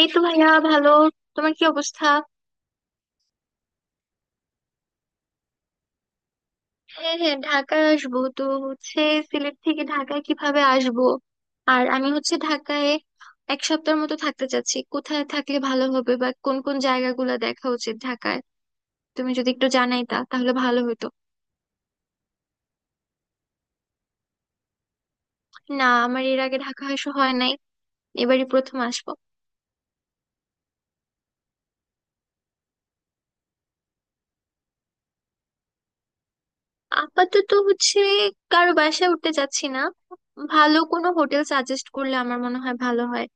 এই তো ভাইয়া ভালো। তোমার কি অবস্থা? হ্যাঁ হ্যাঁ, ঢাকায় আসবো তো হচ্ছে, সিলেট থেকে ঢাকায় কিভাবে আসবো। আর আমি হচ্ছে ঢাকায় এক সপ্তাহের মতো থাকতে চাচ্ছি, কোথায় থাকলে ভালো হবে বা কোন কোন জায়গাগুলো দেখা উচিত ঢাকায়। তুমি যদি একটু জানাইতা তাহলে ভালো হতো। না, আমার এর আগে ঢাকা আসা হয় নাই, এবারই প্রথম আসবো। আপাতত হচ্ছে কারো বাসায় উঠতে চাচ্ছি না। ভালো কোনো হোটেল সাজেস্ট করলে আমার মনে হয় ভালো হয়,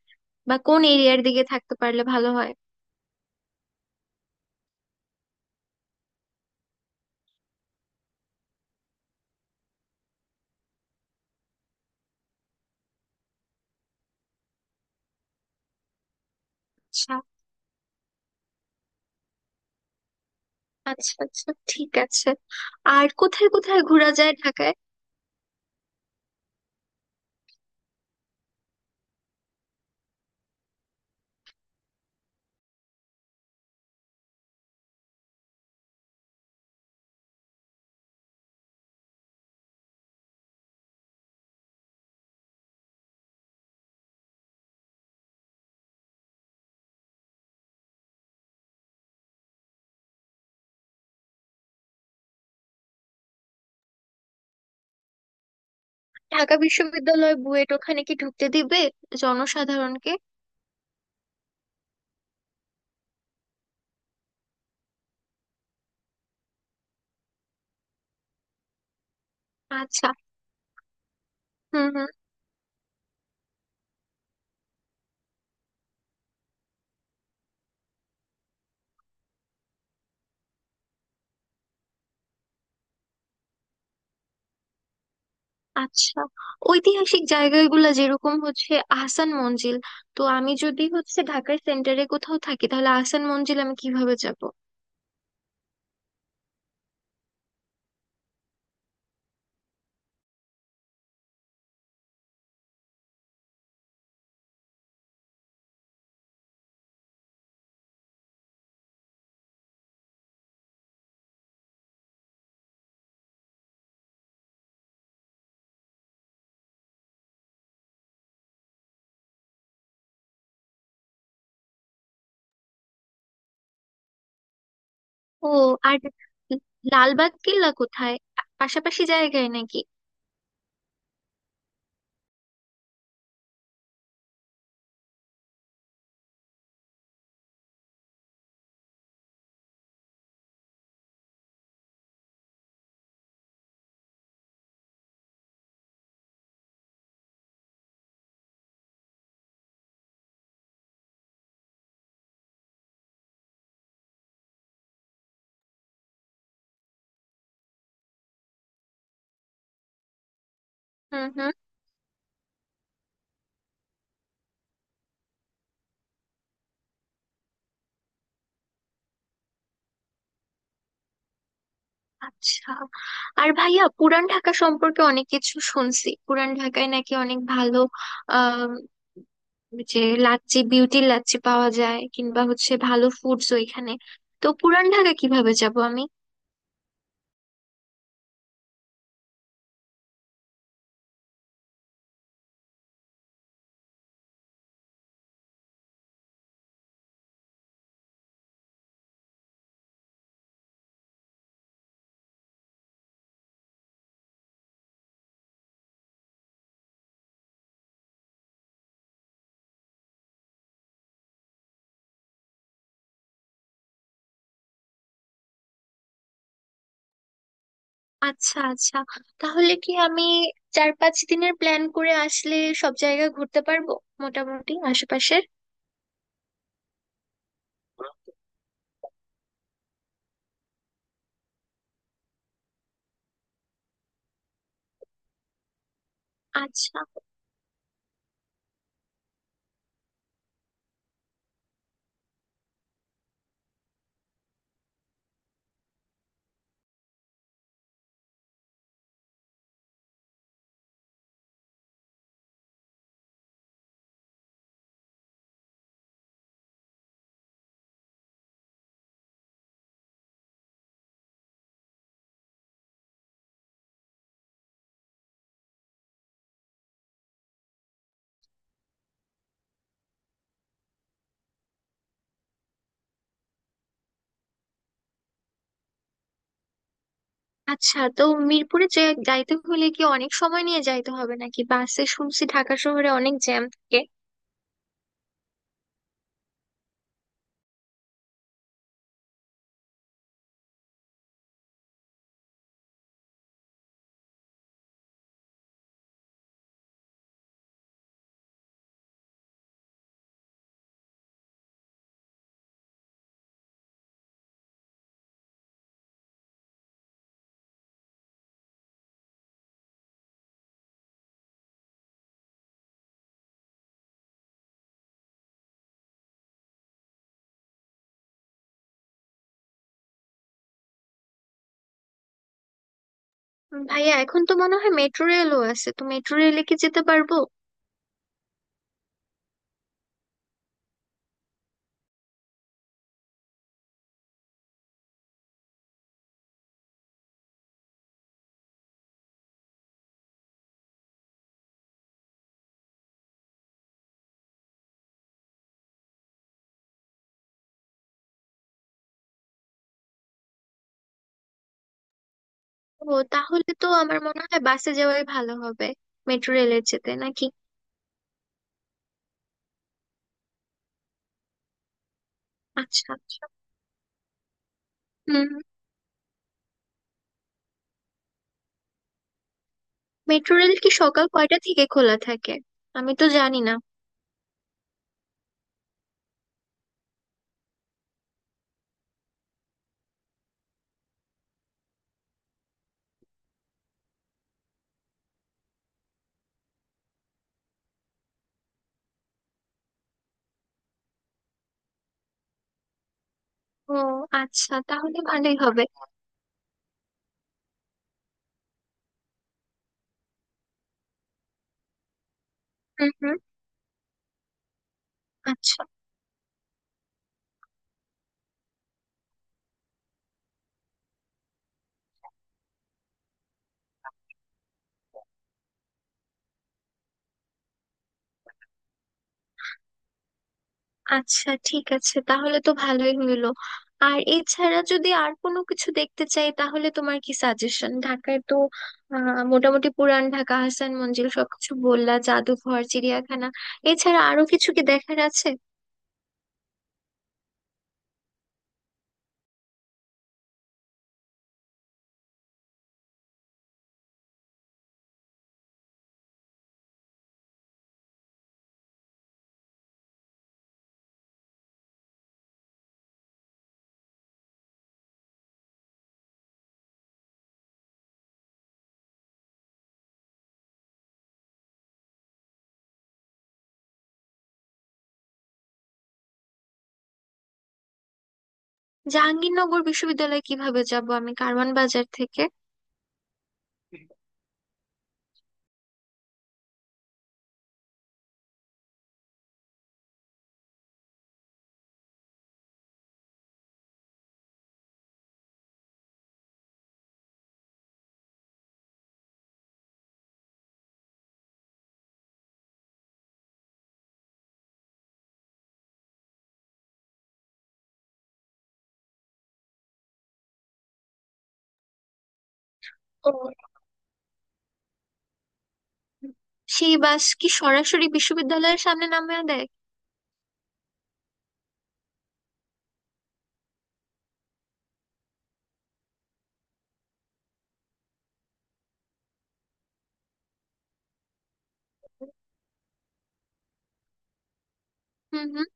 বা কোন এরিয়ার দিকে থাকতে পারলে ভালো হয়। আচ্ছা আচ্ছা, ঠিক আছে। আর কোথায় কোথায় ঘোরা যায় ঢাকায়? ঢাকা বিশ্ববিদ্যালয়, বুয়েট, ওখানে কি ঢুকতে দিবে জনসাধারণকে? আচ্ছা। হুম হুম। আচ্ছা, ঐতিহাসিক জায়গাগুলো যেরকম হচ্ছে আহসান মঞ্জিল, তো আমি যদি হচ্ছে ঢাকার সেন্টারে কোথাও থাকি তাহলে আহসান মঞ্জিল আমি কিভাবে যাব? ও, আর লালবাগ কিল্লা কোথায়, পাশাপাশি জায়গায় নাকি? হুম হুম। আচ্ছা। আর ভাইয়া পুরান ঢাকা সম্পর্কে অনেক কিছু শুনছি, পুরান ঢাকায় নাকি অনেক ভালো আহ যে লাচ্ছি, বিউটি লাচ্ছি পাওয়া যায়, কিংবা হচ্ছে ভালো ফুডস ওইখানে। তো পুরান ঢাকা কিভাবে যাব আমি? আচ্ছা আচ্ছা। তাহলে কি আমি 4 5 দিনের প্ল্যান করে আসলে সব জায়গা ঘুরতে পারবো মোটামুটি আশেপাশের? আচ্ছা আচ্ছা। তো মিরপুরে যে যাইতে হলে কি অনেক সময় নিয়ে যাইতে হবে নাকি? বাসে শুনছি ঢাকা শহরে অনেক জ্যাম থাকে। ভাইয়া এখন তো মনে হয় মেট্রো রেলও আছে, তো মেট্রো রেলে কি যেতে পারবো? ও, তাহলে তো আমার মনে হয় বাসে যাওয়াই ভালো হবে, মেট্রো রেলের যেতে নাকি। আচ্ছা আচ্ছা। হুম। মেট্রো রেল কি সকাল কয়টা থেকে খোলা থাকে? আমি তো জানি না। ও আচ্ছা, তাহলে ভালোই হবে। হুম হুম। আচ্ছা আচ্ছা, ঠিক আছে, তাহলে তো ভালোই হইলো। আর এছাড়া যদি আর কোনো কিছু দেখতে চাই তাহলে তোমার কি সাজেশন ঢাকায় তো, মোটামুটি পুরান ঢাকা, হাসান মঞ্জিল সবকিছু বললা, জাদুঘর, চিড়িয়াখানা, এছাড়া আরো কিছু কি দেখার আছে? জাহাঙ্গীরনগর বিশ্ববিদ্যালয়ে কিভাবে যাব আমি কারওয়ান বাজার থেকে? ও, সেই বাস কি সরাসরি বিশ্ববিদ্যালয়ের সামনে নামিয়ে দেয়? হুম হুম।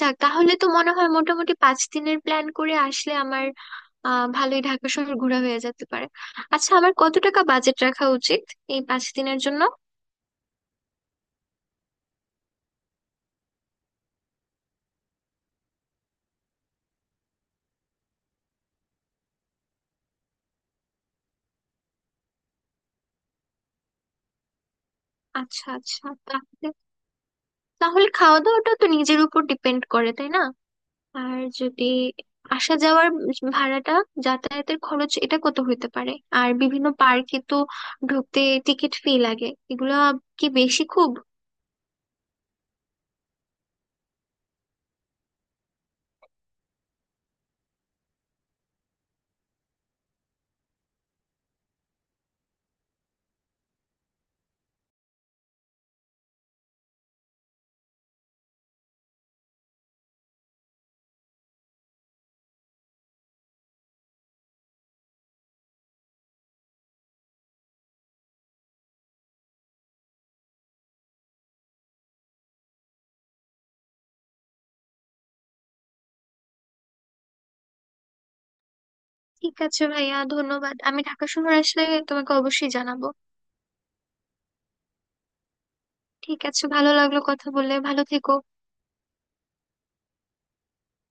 যাক, তাহলে তো মনে হয় মোটামুটি পাঁচ দিনের প্ল্যান করে আসলে আমার ভালোই ঢাকা শহর ঘোরা হয়ে যেতে পারে। আচ্ছা, আমার কত টাকা বাজেট রাখা উচিত এই 5 দিনের জন্য? আচ্ছা আচ্ছা, তাহলে তাহলে খাওয়া দাওয়াটা তো নিজের উপর ডিপেন্ড করে, তাই না? আর যদি আসা যাওয়ার ভাড়াটা, যাতায়াতের খরচ, এটা কত হইতে পারে? আর বিভিন্ন পার্কে তো ঢুকতে টিকিট ফি লাগে, এগুলা কি বেশি খুব? ঠিক আছে ভাইয়া, ধন্যবাদ। আমি ঢাকা শহর আসলে তোমাকে অবশ্যই জানাবো। ঠিক আছে, ভালো লাগলো কথা বলে, ভালো থেকো।